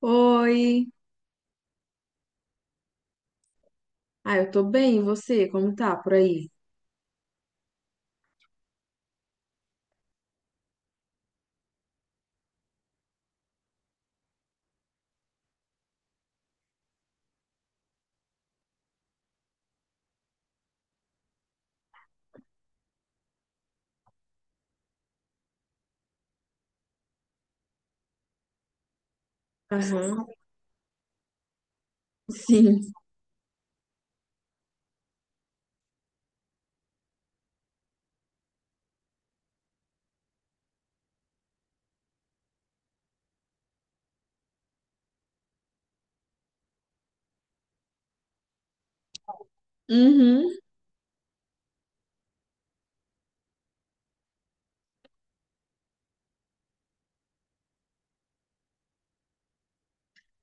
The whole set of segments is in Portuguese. Oi. Ah, eu tô bem, e você? Como tá por aí? Aham. Sim. Uhum.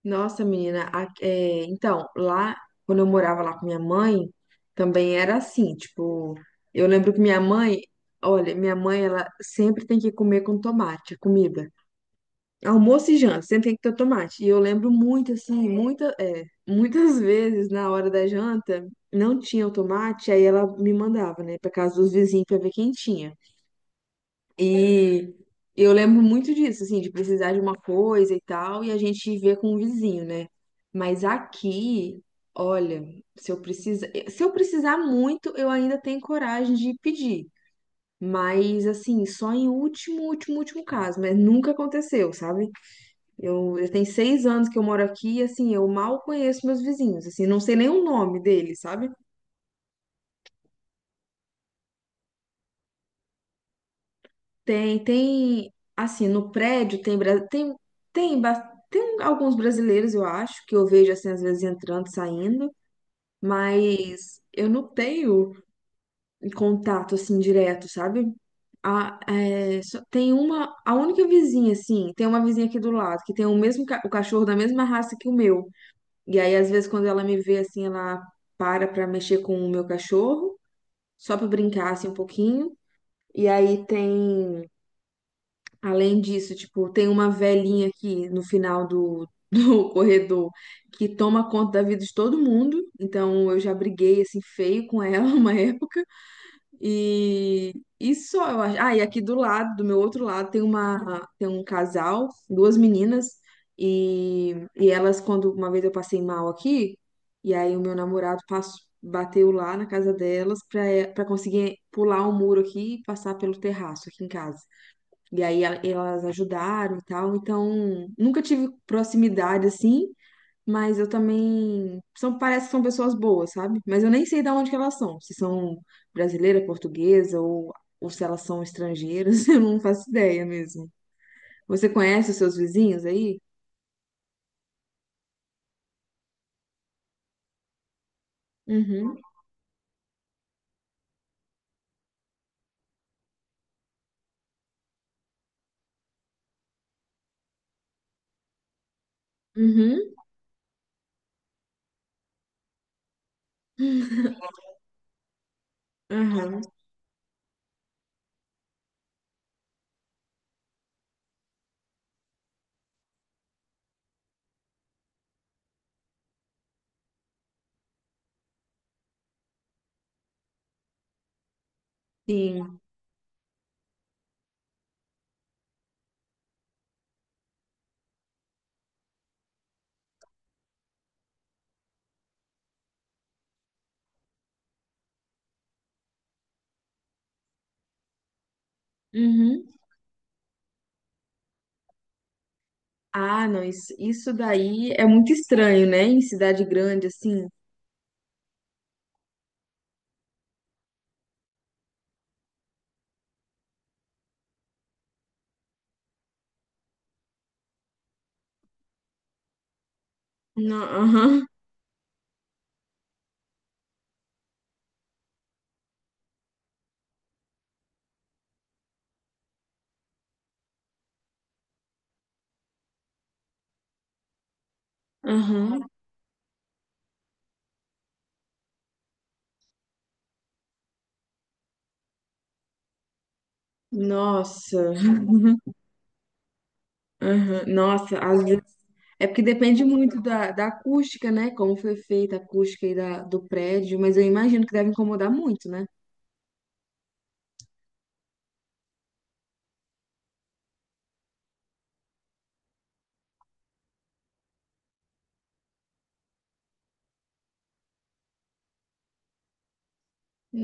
Nossa, menina, é, então, lá, quando eu morava lá com minha mãe, também era assim, tipo, eu lembro que minha mãe, olha, minha mãe, ela sempre tem que comer com tomate, a comida. Almoço e janta, sempre tem que ter tomate. E eu lembro muito, assim, muitas vezes na hora da janta, não tinha o tomate, aí ela me mandava, né, pra casa dos vizinhos pra ver quem tinha. E eu lembro muito disso, assim, de precisar de uma coisa e tal, e a gente vê com o vizinho, né? Mas aqui, olha, se eu precisar muito, eu ainda tenho coragem de pedir. Mas assim, só em último, último, último caso, mas nunca aconteceu, sabe? Eu tenho 6 anos que eu moro aqui, e assim, eu mal conheço meus vizinhos, assim, não sei nem o nome deles, sabe? Tem, assim, no prédio tem, bra- tem, tem, bas- tem alguns brasileiros, eu acho, que eu vejo, assim, às vezes entrando, saindo, mas eu não tenho contato, assim, direto, sabe? Tem uma, a única vizinha, assim, tem uma vizinha aqui do lado, que tem o mesmo, o cachorro da mesma raça que o meu, e aí, às vezes, quando ela me vê, assim, ela para pra mexer com o meu cachorro, só pra brincar, assim, um pouquinho, e aí tem. Além disso, tipo, tem uma velhinha aqui no final do corredor que toma conta da vida de todo mundo. Então eu já briguei assim feio com ela uma época. E, e só eu acho. Ah, e aqui do lado, do meu outro lado, tem um casal, duas meninas, e elas, quando uma vez eu passei mal aqui, e aí o meu namorado passou, bateu lá na casa delas pra para conseguir pular o muro aqui e passar pelo terraço aqui em casa. E aí elas ajudaram e tal. Então, nunca tive proximidade assim, mas eu também são parece que são pessoas boas, sabe? Mas eu nem sei de onde que elas são, se são brasileira, portuguesa ou se elas são estrangeiras, eu não faço ideia mesmo. Você conhece os seus vizinhos aí? Uhum. Uhum. Aham. Sim. Uhum. Ah, não, isso daí é muito estranho, né? Em cidade grande assim. Não. Aham. Aham. Nossa. Aham. Nossa, às vezes. É porque depende muito da acústica, né? Como foi feita a acústica aí da, do prédio, mas eu imagino que deve incomodar muito, né?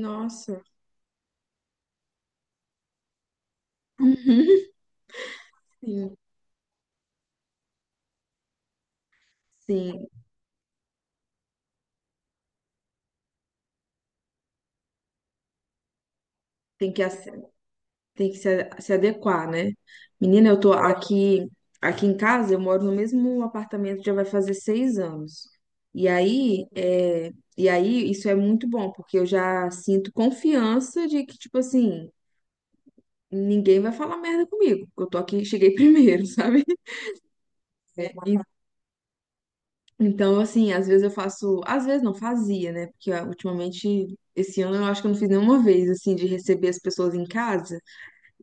Nossa. Uhum. Sim, sim, tem que, ace- tem que se, a- se adequar, né? Menina, eu tô aqui, em casa, eu moro no mesmo apartamento, já vai fazer 6 anos. E aí, é, e aí, isso é muito bom, porque eu já sinto confiança de que, tipo assim, ninguém vai falar merda comigo, porque eu tô aqui, cheguei primeiro, sabe? É. Então, assim, às vezes eu faço, às vezes não fazia, né? Porque ultimamente, esse ano eu acho que eu não fiz nenhuma vez, assim, de receber as pessoas em casa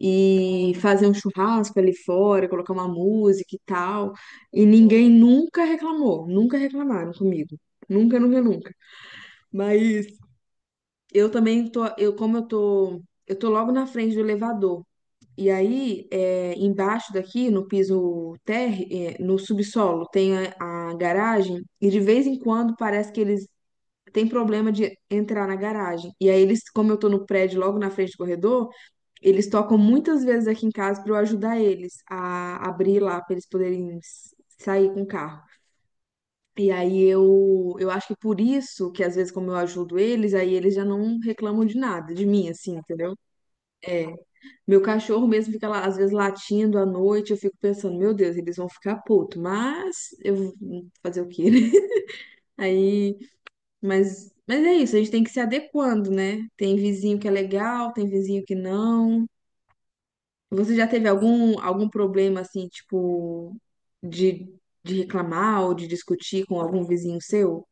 e fazer um churrasco ali fora, colocar uma música e tal. E ninguém nunca reclamou, nunca reclamaram comigo. Nunca, nunca, nunca. Mas eu também tô, eu como eu tô logo na frente do elevador. E aí, embaixo daqui, no piso térreo, no subsolo, tem a garagem, e de vez em quando parece que eles têm problema de entrar na garagem. E aí, eles, como eu tô no prédio logo na frente do corredor, eles tocam muitas vezes aqui em casa para eu ajudar eles a abrir lá, para eles poderem sair com o carro. E aí eu acho que por isso que às vezes como eu ajudo eles, aí eles já não reclamam de nada, de mim, assim, entendeu? É. Meu cachorro mesmo fica lá, às vezes, latindo à noite. Eu fico pensando, meu Deus, eles vão ficar puto. Mas eu fazer o quê, né? Aí, mas é isso, a gente tem que se adequando, né? Tem vizinho que é legal, tem vizinho que não. Você já teve algum problema assim, tipo, de, de reclamar ou de discutir com algum vizinho seu?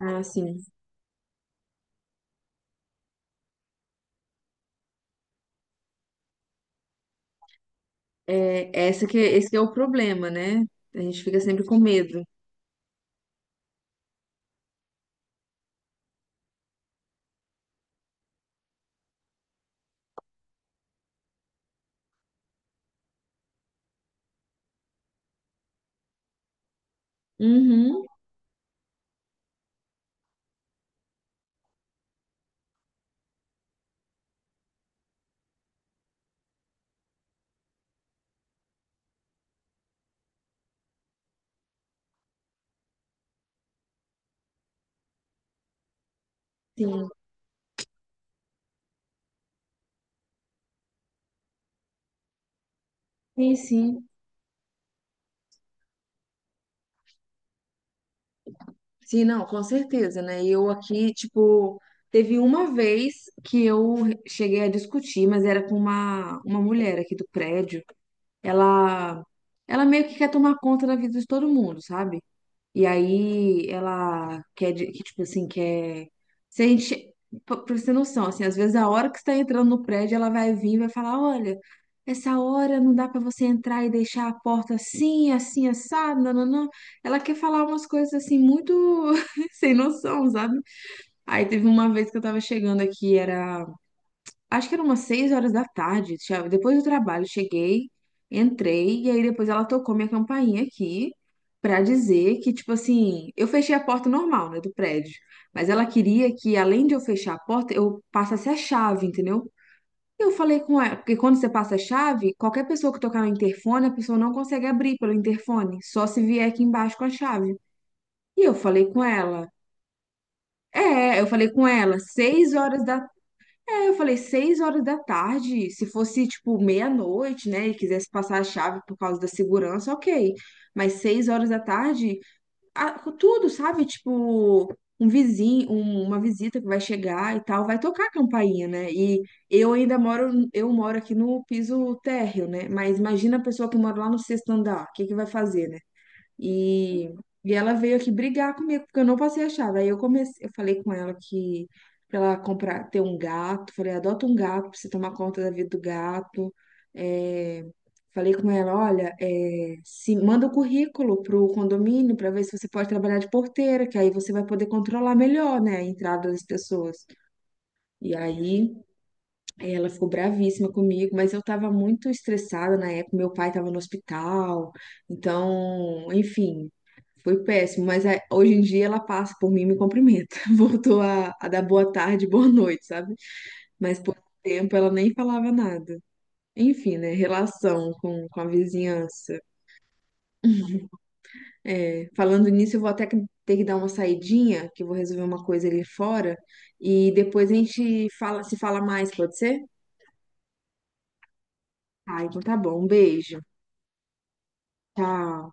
Ah, sim. É, esse que é o problema, né? A gente fica sempre com medo. Uhum, sim. Sim, sim. Sim, não, com certeza, né? E eu aqui, tipo, teve uma vez que eu cheguei a discutir, mas era com uma mulher aqui do prédio. Ela, ela meio que quer tomar conta da vida de todo mundo, sabe? E aí ela quer, que, tipo assim, quer. Se a gente. Pra você ter noção, assim, às vezes a hora que você tá entrando no prédio, ela vai vir e vai falar: olha, essa hora não dá pra você entrar e deixar a porta assim, assim, assada, nananã. Ela quer falar umas coisas assim, muito sem noção, sabe? Aí teve uma vez que eu tava chegando aqui, era. Acho que eram umas 6 horas da tarde, depois do trabalho, cheguei, entrei, e aí depois ela tocou minha campainha aqui pra dizer que, tipo assim, eu fechei a porta normal, né, do prédio, mas ela queria que, além de eu fechar a porta, eu passasse a chave, entendeu? E eu falei com ela, porque quando você passa a chave, qualquer pessoa que tocar no interfone, a pessoa não consegue abrir pelo interfone, só se vier aqui embaixo com a chave. E eu falei com ela, é, eu falei com ela, seis horas da aí eu falei, 6 horas da tarde, se fosse tipo meia-noite, né, e quisesse passar a chave por causa da segurança, ok. Mas 6 horas da tarde, com tudo, sabe? Tipo, um vizinho, uma visita que vai chegar e tal, vai tocar a campainha, né? E eu moro aqui no piso térreo, né? Mas imagina a pessoa que mora lá no sexto andar, o que que vai fazer, e, e ela veio aqui brigar comigo, porque eu não passei a chave. Aí eu comecei, eu falei com ela que pra ela comprar, ter um gato, falei, adota um gato pra você tomar conta da vida do gato. É, falei com ela, olha, se manda o currículo pro condomínio pra ver se você pode trabalhar de porteira, que aí você vai poder controlar melhor, né, a entrada das pessoas. E aí. Aí ela ficou bravíssima comigo, mas eu tava muito estressada na época. Meu pai tava no hospital, então, enfim, foi péssimo. Mas é, hoje em dia ela passa por mim e me cumprimenta. Voltou a dar boa tarde, boa noite, sabe? Mas por um tempo ela nem falava nada. Enfim, né? Relação com a vizinhança. É, falando nisso, eu vou ter que dar uma saidinha, que eu vou resolver uma coisa ali fora. E depois a gente fala, se fala mais, pode ser? Ah, então tá bom. Um beijo. Tchau.